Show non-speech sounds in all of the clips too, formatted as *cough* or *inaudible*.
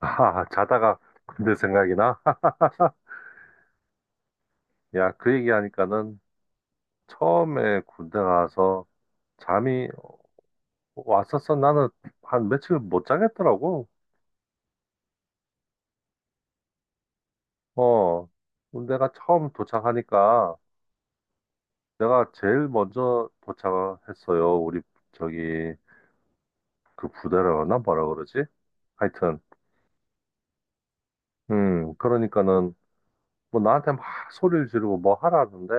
아, 자다가 군대 생각이 나? *laughs* 야, 그 얘기하니까는 처음에 군대 가서 잠이 왔었어. 나는 한 며칠 못 자겠더라고. 어, 군대가 처음 도착하니까 내가 제일 먼저 도착했어요. 우리 저기 그 부대라나 뭐라 그러지? 하여튼, 그러니까는 뭐 나한테 막 소리를 지르고 뭐 하라는데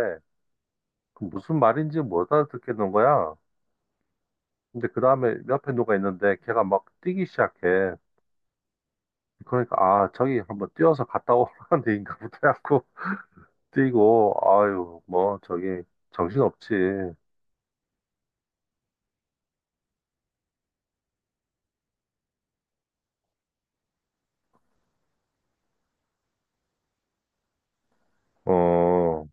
그 무슨 말인지 못 알아듣겠는 거야. 근데 그 다음에 옆에 누가 있는데 걔가 막 뛰기 시작해. 그러니까 아 저기 한번 뛰어서 갔다 오라는 데인가부터 해갖고 *laughs* 뛰고 아유 뭐 저기 정신없지. 어,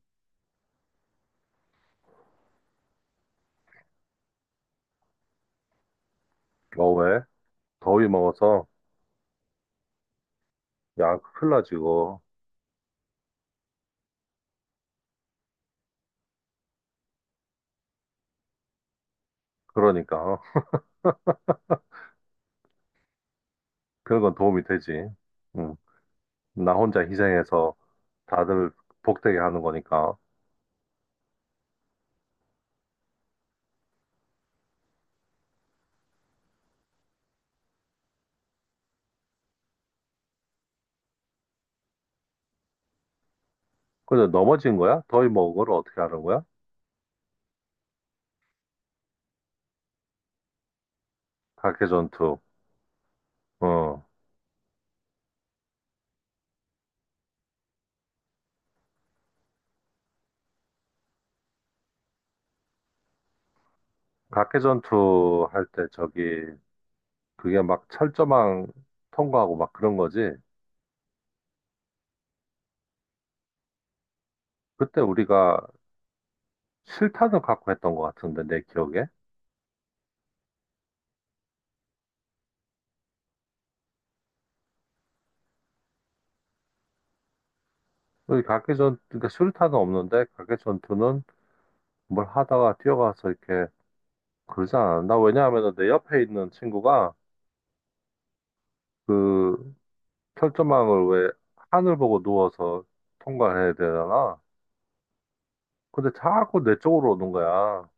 어 왜 더위 먹어서 약 큰일 나 지고. 그러니까 어, 그런 건 도움이 되지. 음나 혼자 희생해서 다들 복되게 하는 거니까. 근데 넘어진 거야? 더위 먹은 걸 어떻게 하는 거야? 각개전투. 어, 각개전투 할 때 저기 그게 막 철조망 통과하고 막 그런 거지. 그때 우리가 실탄을 갖고 했던 것 같은데 내 기억에. 여기 각개전 그러니까 수류탄은 없는데 각개전투는 뭘 하다가 뛰어가서 이렇게 그러지 않았나? 왜냐하면 내 옆에 있는 친구가 그 철조망을 왜 하늘 보고 누워서 통과를 해야 되잖아. 근데 자꾸 내 쪽으로 오는 거야.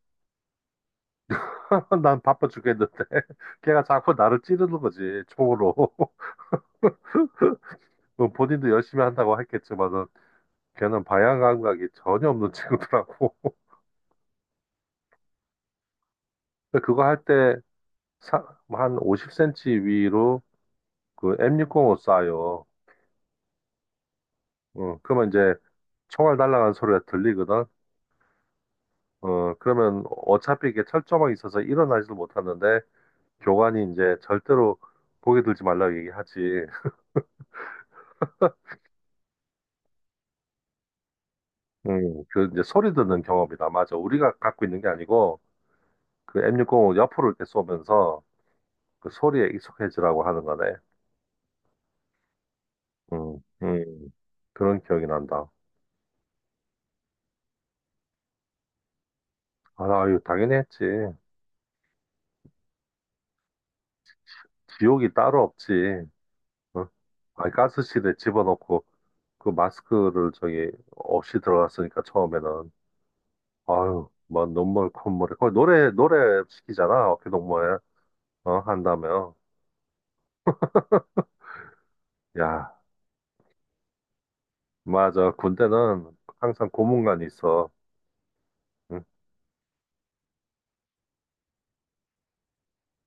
*laughs* 난 바빠 죽겠는데 *laughs* 걔가 자꾸 나를 찌르는 거지 총으로. *laughs* 뭐 본인도 열심히 한다고 했겠지만은 걔는 방향 감각이 전혀 없는 *laughs* 친구더라고. 근데 그거 할때 사, 한 50 cm 위로 그 M605 쏴요. 어, 그러면 이제 총알 날아가는 소리가 들리거든. 어, 그러면 어차피 이게 철조망이 있어서 일어나지도 못하는데 교관이 이제 절대로 보게 들지 말라고 얘기하지. 그 이제 소리 듣는 경험이다. 맞아. 우리가 갖고 있는 게 아니고 그 M605 옆으로 이렇게 쏘면서 그 소리에 익숙해지라고 하는 거네. 음, 음, 그런 기억이 난다. 아, 유 당연히 했지. 지옥이 따로 없지. 어? 아니, 가스실에 집어넣고 그 마스크를 저기 없이 들어갔으니까 처음에는 아유 뭐 눈물 콧물이 거의 노래 노래 시키잖아 어깨동무에. 어 한다며. 야, 맞아. 군대는 항상 고문관이 있어. 응,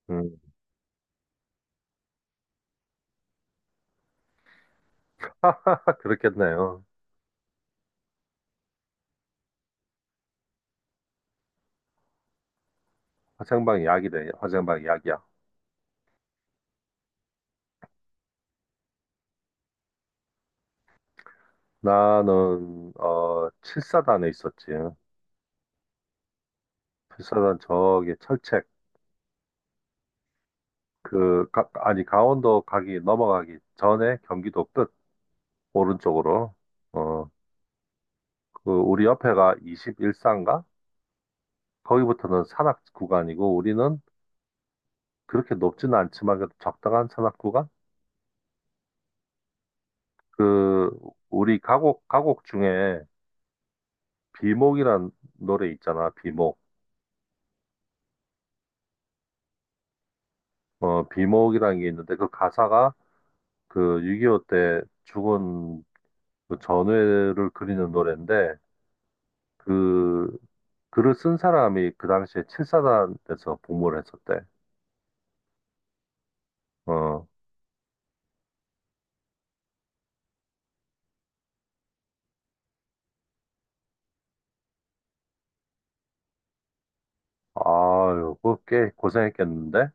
응. 딱 그렇겠네요. 화생방 약이래, 화생방 약이야. 나는 어 7사단에 있었지. 7사단 저기 철책. 그 가, 아니 강원도 가기 넘어가기 전에 경기도 끝 오른쪽으로. 어, 그 우리 옆에가 21산가? 거기부터는 산악 구간이고 우리는 그렇게 높지는 않지만 그래도 적당한 산악 구간? 그 우리 가곡 중에 비목이란 노래 있잖아. 비목. 어, 비목이라는 게 있는데 그 가사가 그 6.25 때 죽은 그 전우회를 그리는 노래인데 그 글을 쓴 사람이 그 당시에 7사단에서 복무를 했었대. 어. 아유, 그꽤 고생했겠는데?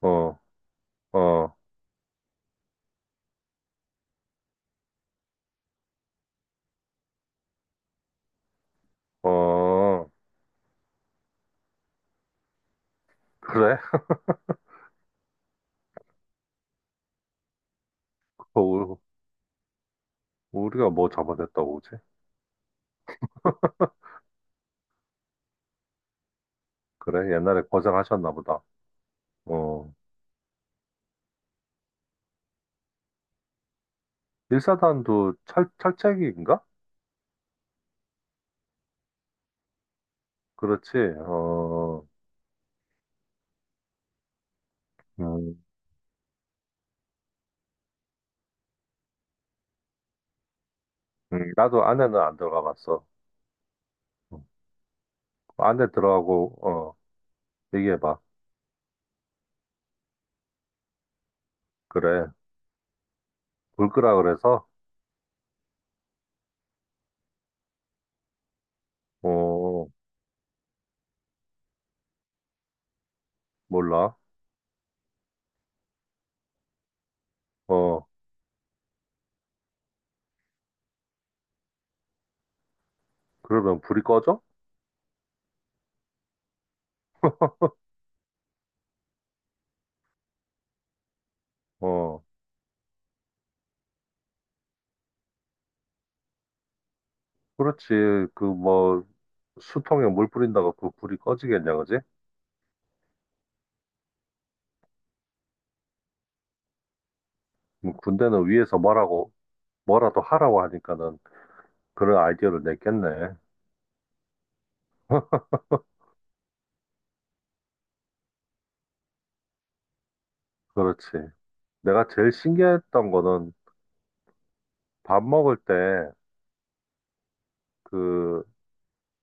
어, 어, 어, 그래? *laughs* 우- 우리가 뭐 잡아냈다고 그지? 그래? 옛날에 고생하셨나 보다. 어, 일사단도 철철책인가. 그렇지. 어, 음, 나도 안에는 안 들어가 봤어. 어, 안에 들어가고, 어, 얘기해봐. 그래. 불 끄라 그래서? 어, 몰라. 어, 그러면 불이 꺼져? 어, 그렇지. 그 뭐, 수통에 물 뿌린다고 그 불이 꺼지겠냐, 그지? 뭐 군대는 위에서 뭐라고 뭐라도 하라고 하니까는 그런 아이디어를 냈겠네. 그렇지. 내가 제일 신기했던 거는 밥 먹을 때 그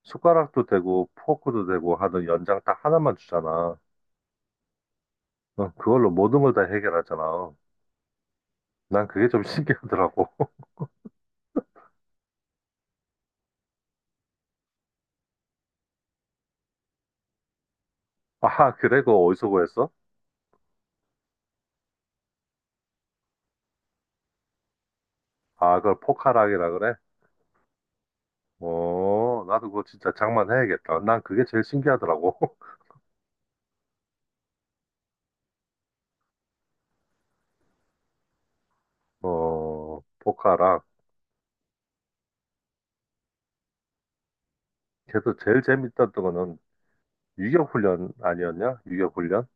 숟가락도 되고 포크도 되고 하는 연장 딱 하나만 주잖아. 어, 그걸로 모든 걸 다 해결하잖아. 난 그게 좀 신기하더라고. *laughs* 아, 그래? 그거 어디서 구했어? 아, 그걸 포카락이라 그래? 어, 나도 그거 진짜 장만해야겠다. 난 그게 제일 신기하더라고. *laughs* 어, 포카락. 그래서 제일 재밌었던 거는 유격훈련 아니었냐? 유격훈련?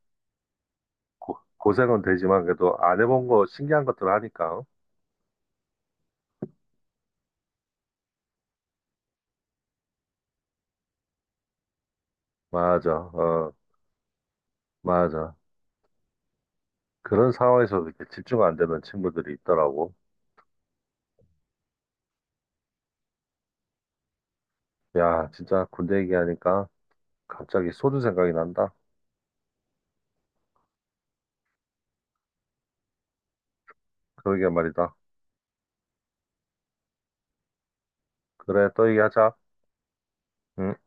고, 고생은 되지만 그래도 안 해본 거 신기한 것들 하니까. 맞아, 어, 맞아. 그런 상황에서 도 이렇게 집중 안 되는 친구들이 있더라고. 야, 진짜 군대 얘기하니까 갑자기 소주 생각이 난다. 그러게 말이다. 그래, 또 얘기하자. 응?